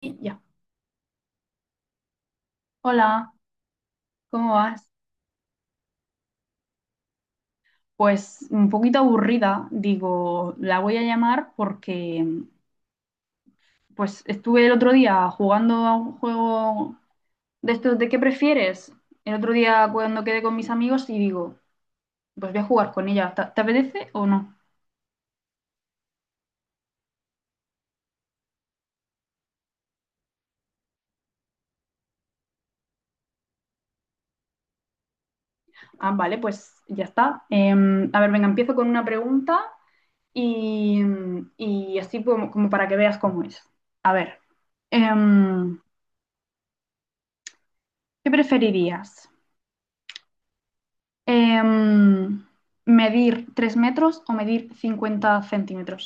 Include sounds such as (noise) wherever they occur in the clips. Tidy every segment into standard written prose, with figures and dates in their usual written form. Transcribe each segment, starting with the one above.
Ya. Hola, ¿cómo vas? Pues un poquito aburrida, digo, la voy a llamar porque pues estuve el otro día jugando a un juego de estos de qué prefieres. El otro día cuando quedé con mis amigos y digo, pues voy a jugar con ella. ¿Te apetece o no? Ah, vale, pues ya está. A ver, venga, empiezo con una pregunta y, y así como para que veas cómo es. A ver, em, ¿qué preferirías? Em, ¿Medir 3 metros o medir 50 centímetros?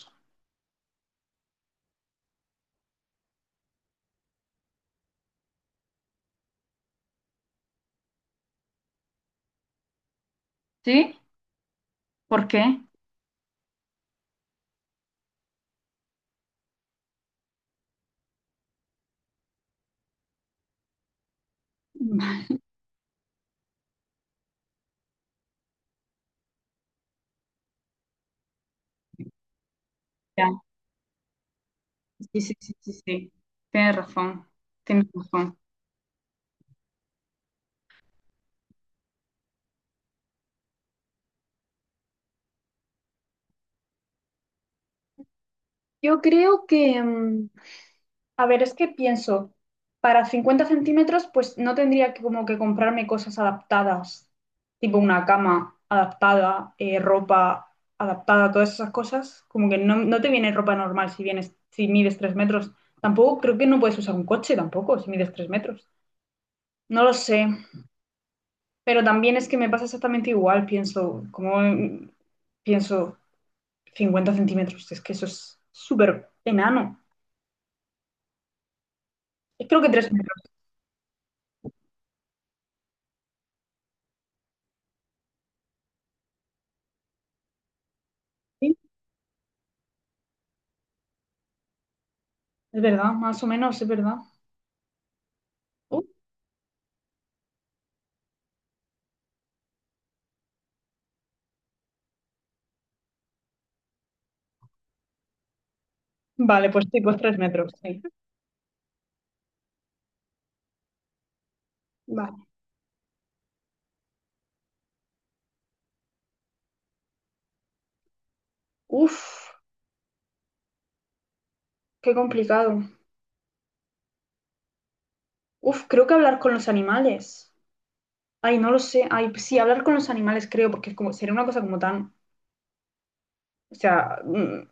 ¿Sí? ¿Por qué? Ya, sí, sí, sí, sí, sí. Tienes razón, tienes razón. Yo creo que, a ver, es que pienso, para 50 centímetros, pues no tendría que como que comprarme cosas adaptadas, tipo una cama adaptada, ropa adaptada, todas esas cosas. Como que no te viene ropa normal si vienes, si mides 3 metros. Tampoco creo que no puedes usar un coche tampoco si mides 3 metros. No lo sé, pero también es que me pasa exactamente igual, pienso, como pienso 50 centímetros, es que eso es súper enano. Es creo que 3 metros, sí, es verdad, más o menos, es verdad. Uh, Vale, pues sí, pues tres metros, sí. Vale. Uf, qué complicado. Uf, creo que hablar con los animales. Ay, no lo sé. Ay, sí, hablar con los animales creo, porque es como, sería una cosa como tan, o sea,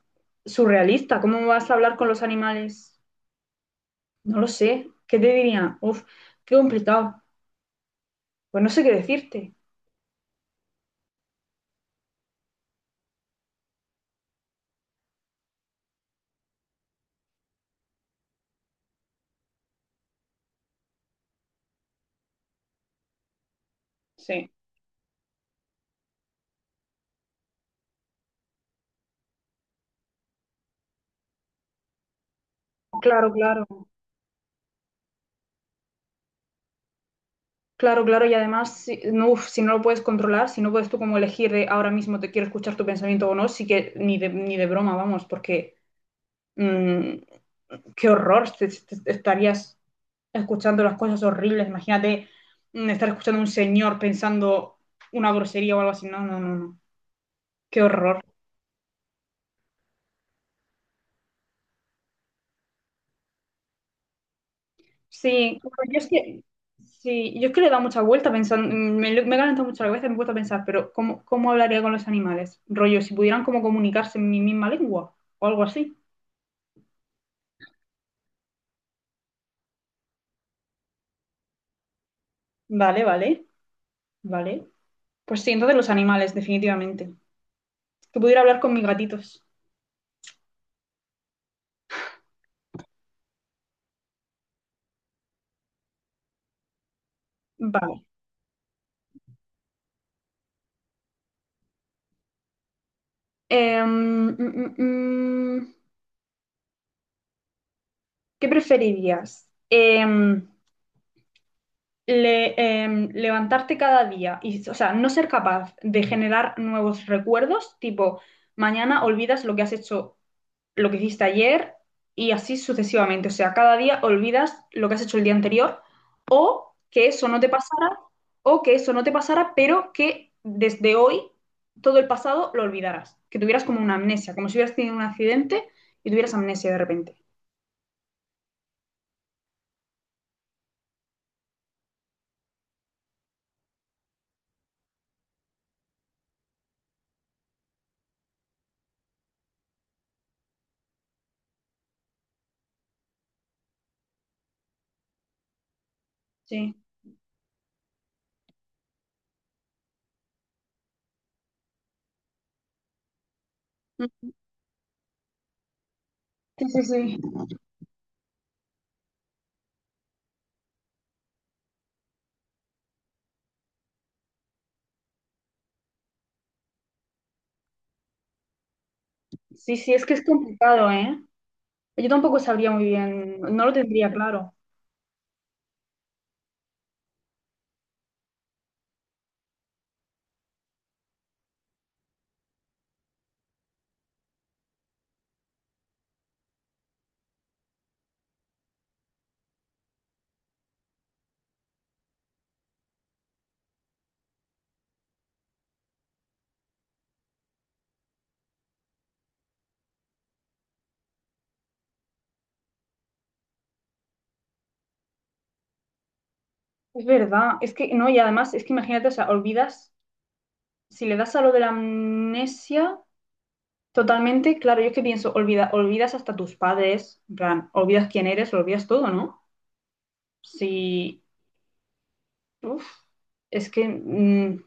surrealista. ¿Cómo vas a hablar con los animales? No lo sé. ¿Qué te diría? Uf, qué complicado. Pues no sé qué decirte. Sí, claro, claro. Claro, claro. Y además, si no, uf, si no lo puedes controlar, si no puedes tú como elegir de ahora mismo te quiero escuchar tu pensamiento o no, sí que ni de broma, vamos, porque mmm, qué horror, te estarías escuchando las cosas horribles, imagínate estar escuchando a un señor pensando una grosería o algo así, no, no, no, no, qué horror. Sí, bueno, yo es que, sí, yo es que le he dado mucha vuelta pensando, me he calentado mucho la cabeza, y me he puesto a pensar, pero ¿cómo hablaría con los animales? Rollo, si pudieran como comunicarse en mi misma lengua o algo así. Vale, vale, vale. Pues sí, entonces los animales, definitivamente. Que pudiera hablar con mis gatitos. Vale. Em, mm, mm, mm, ¿Qué preferirías? Le- levantarte cada día y, o sea, no ser capaz de generar nuevos recuerdos, tipo, mañana olvidas lo que has hecho, lo que hiciste ayer y así sucesivamente. O sea, cada día olvidas lo que has hecho el día anterior o que eso no te pasara, o que eso no te pasara, pero que desde hoy todo el pasado lo olvidaras, que tuvieras como una amnesia, como si hubieras tenido un accidente y tuvieras amnesia de repente. Sí. Sí, sí, sí. Sí, sí, es que es complicado, ¿eh? Yo tampoco sabría muy bien, no lo tendría claro. Es verdad, es que no, y además es que imagínate, o sea, olvidas, si le das a lo de la amnesia totalmente, claro, yo es que pienso, olvidas hasta tus padres, en plan, olvidas quién eres, lo olvidas todo, ¿no? Sí, uf, es que,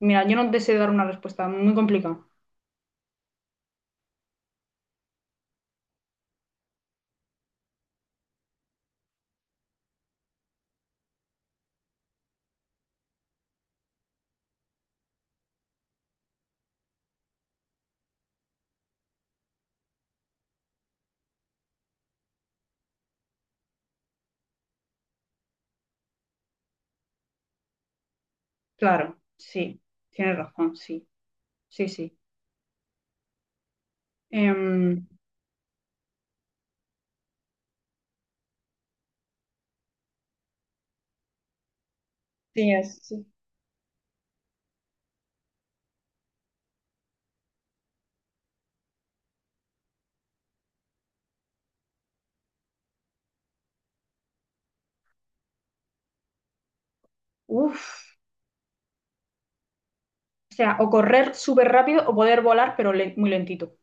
mira, yo no deseo dar una respuesta muy complicada. Claro, sí, tienes razón, sí, sí, sí. Em, sí, sí. Uf, o sea, o correr súper rápido o poder volar, pero muy lentito.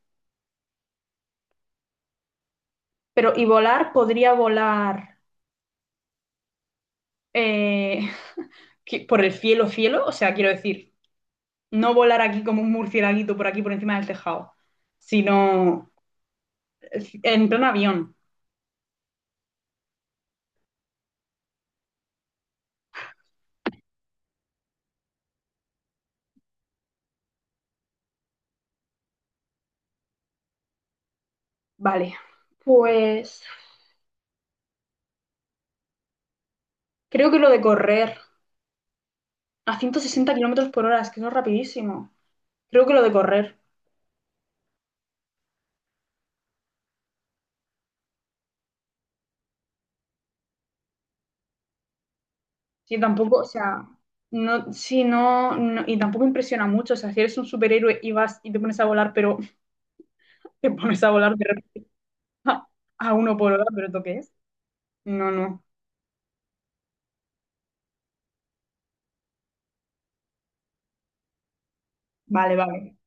Pero, ¿y volar? ¿Podría volar eh, por el cielo, cielo? O sea, quiero decir, no volar aquí como un murcielaguito por aquí por encima del tejado, sino en plan avión. Vale. Pues creo que lo de correr a 160 kilómetros por hora, es que eso es rapidísimo. Creo que lo de correr. Sí, tampoco, o sea, no, sí, no, y tampoco impresiona mucho. O sea, si eres un superhéroe y vas y te pones a volar, pero (laughs) te pones a volar de repente a, a uno por hora, ¿pero esto qué es? No, no. Vale, vale.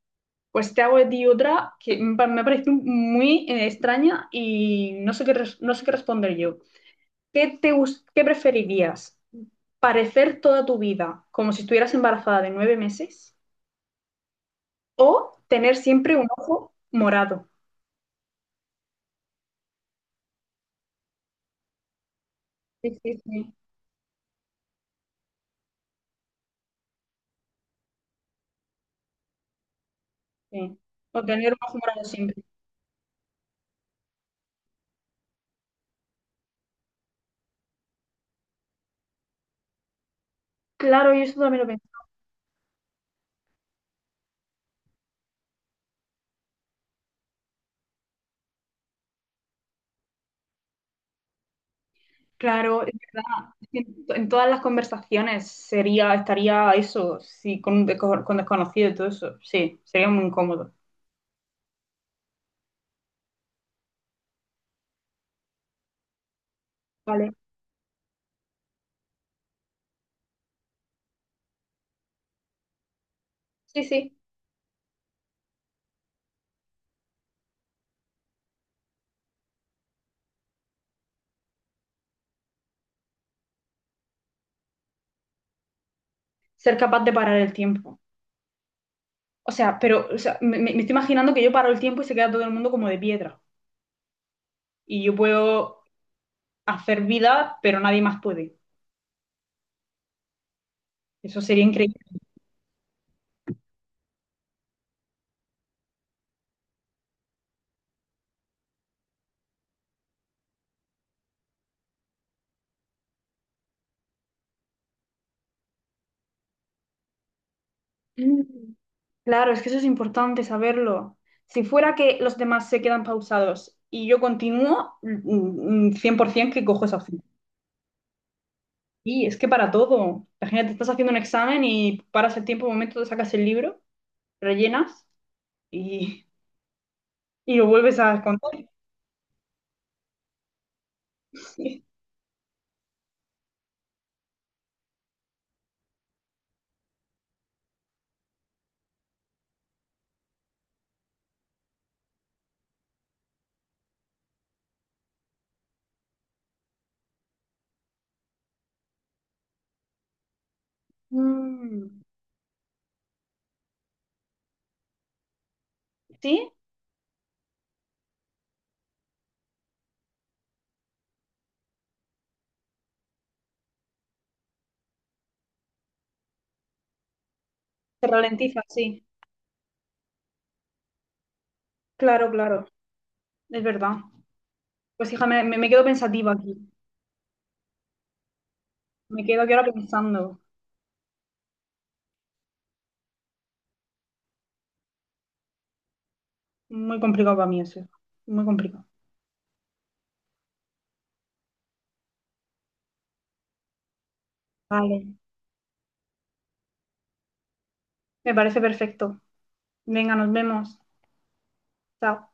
Pues te hago de ti otra que me ha parecido muy extraña y no sé qué responder yo. Qué preferirías? ¿Parecer toda tu vida como si estuvieras embarazada de nueve meses? ¿O tener siempre un ojo morado? Sí, sí, sí, sí. O tener un ojo morado siempre. Claro, yo eso también lo pensé. Claro, es que en todas las conversaciones sería, estaría eso, sí, con desconocido y todo eso. Sí, sería muy incómodo. Vale. Sí, sí. Ser capaz de parar el tiempo. O sea, pero o sea, me estoy imaginando que yo paro el tiempo y se queda todo el mundo como de piedra. Y yo puedo hacer vida, pero nadie más puede. Eso sería increíble. Mm. Claro, es que eso es importante saberlo. Si fuera que los demás se quedan pausados y yo continúo, 100% que cojo esa opción. Y es que para todo. Imagínate, estás haciendo un examen y paras el tiempo, un momento, te sacas el libro, rellenas y, y lo vuelves a contar. (laughs) Mm, ¿sí? Se ralentiza, sí. Claro, claro. Es verdad. Pues hija, me quedo pensativa aquí. Me quedo aquí ahora pensando. Muy complicado para mí eso. Muy complicado. Vale. Me parece perfecto. Venga, nos vemos. Chao.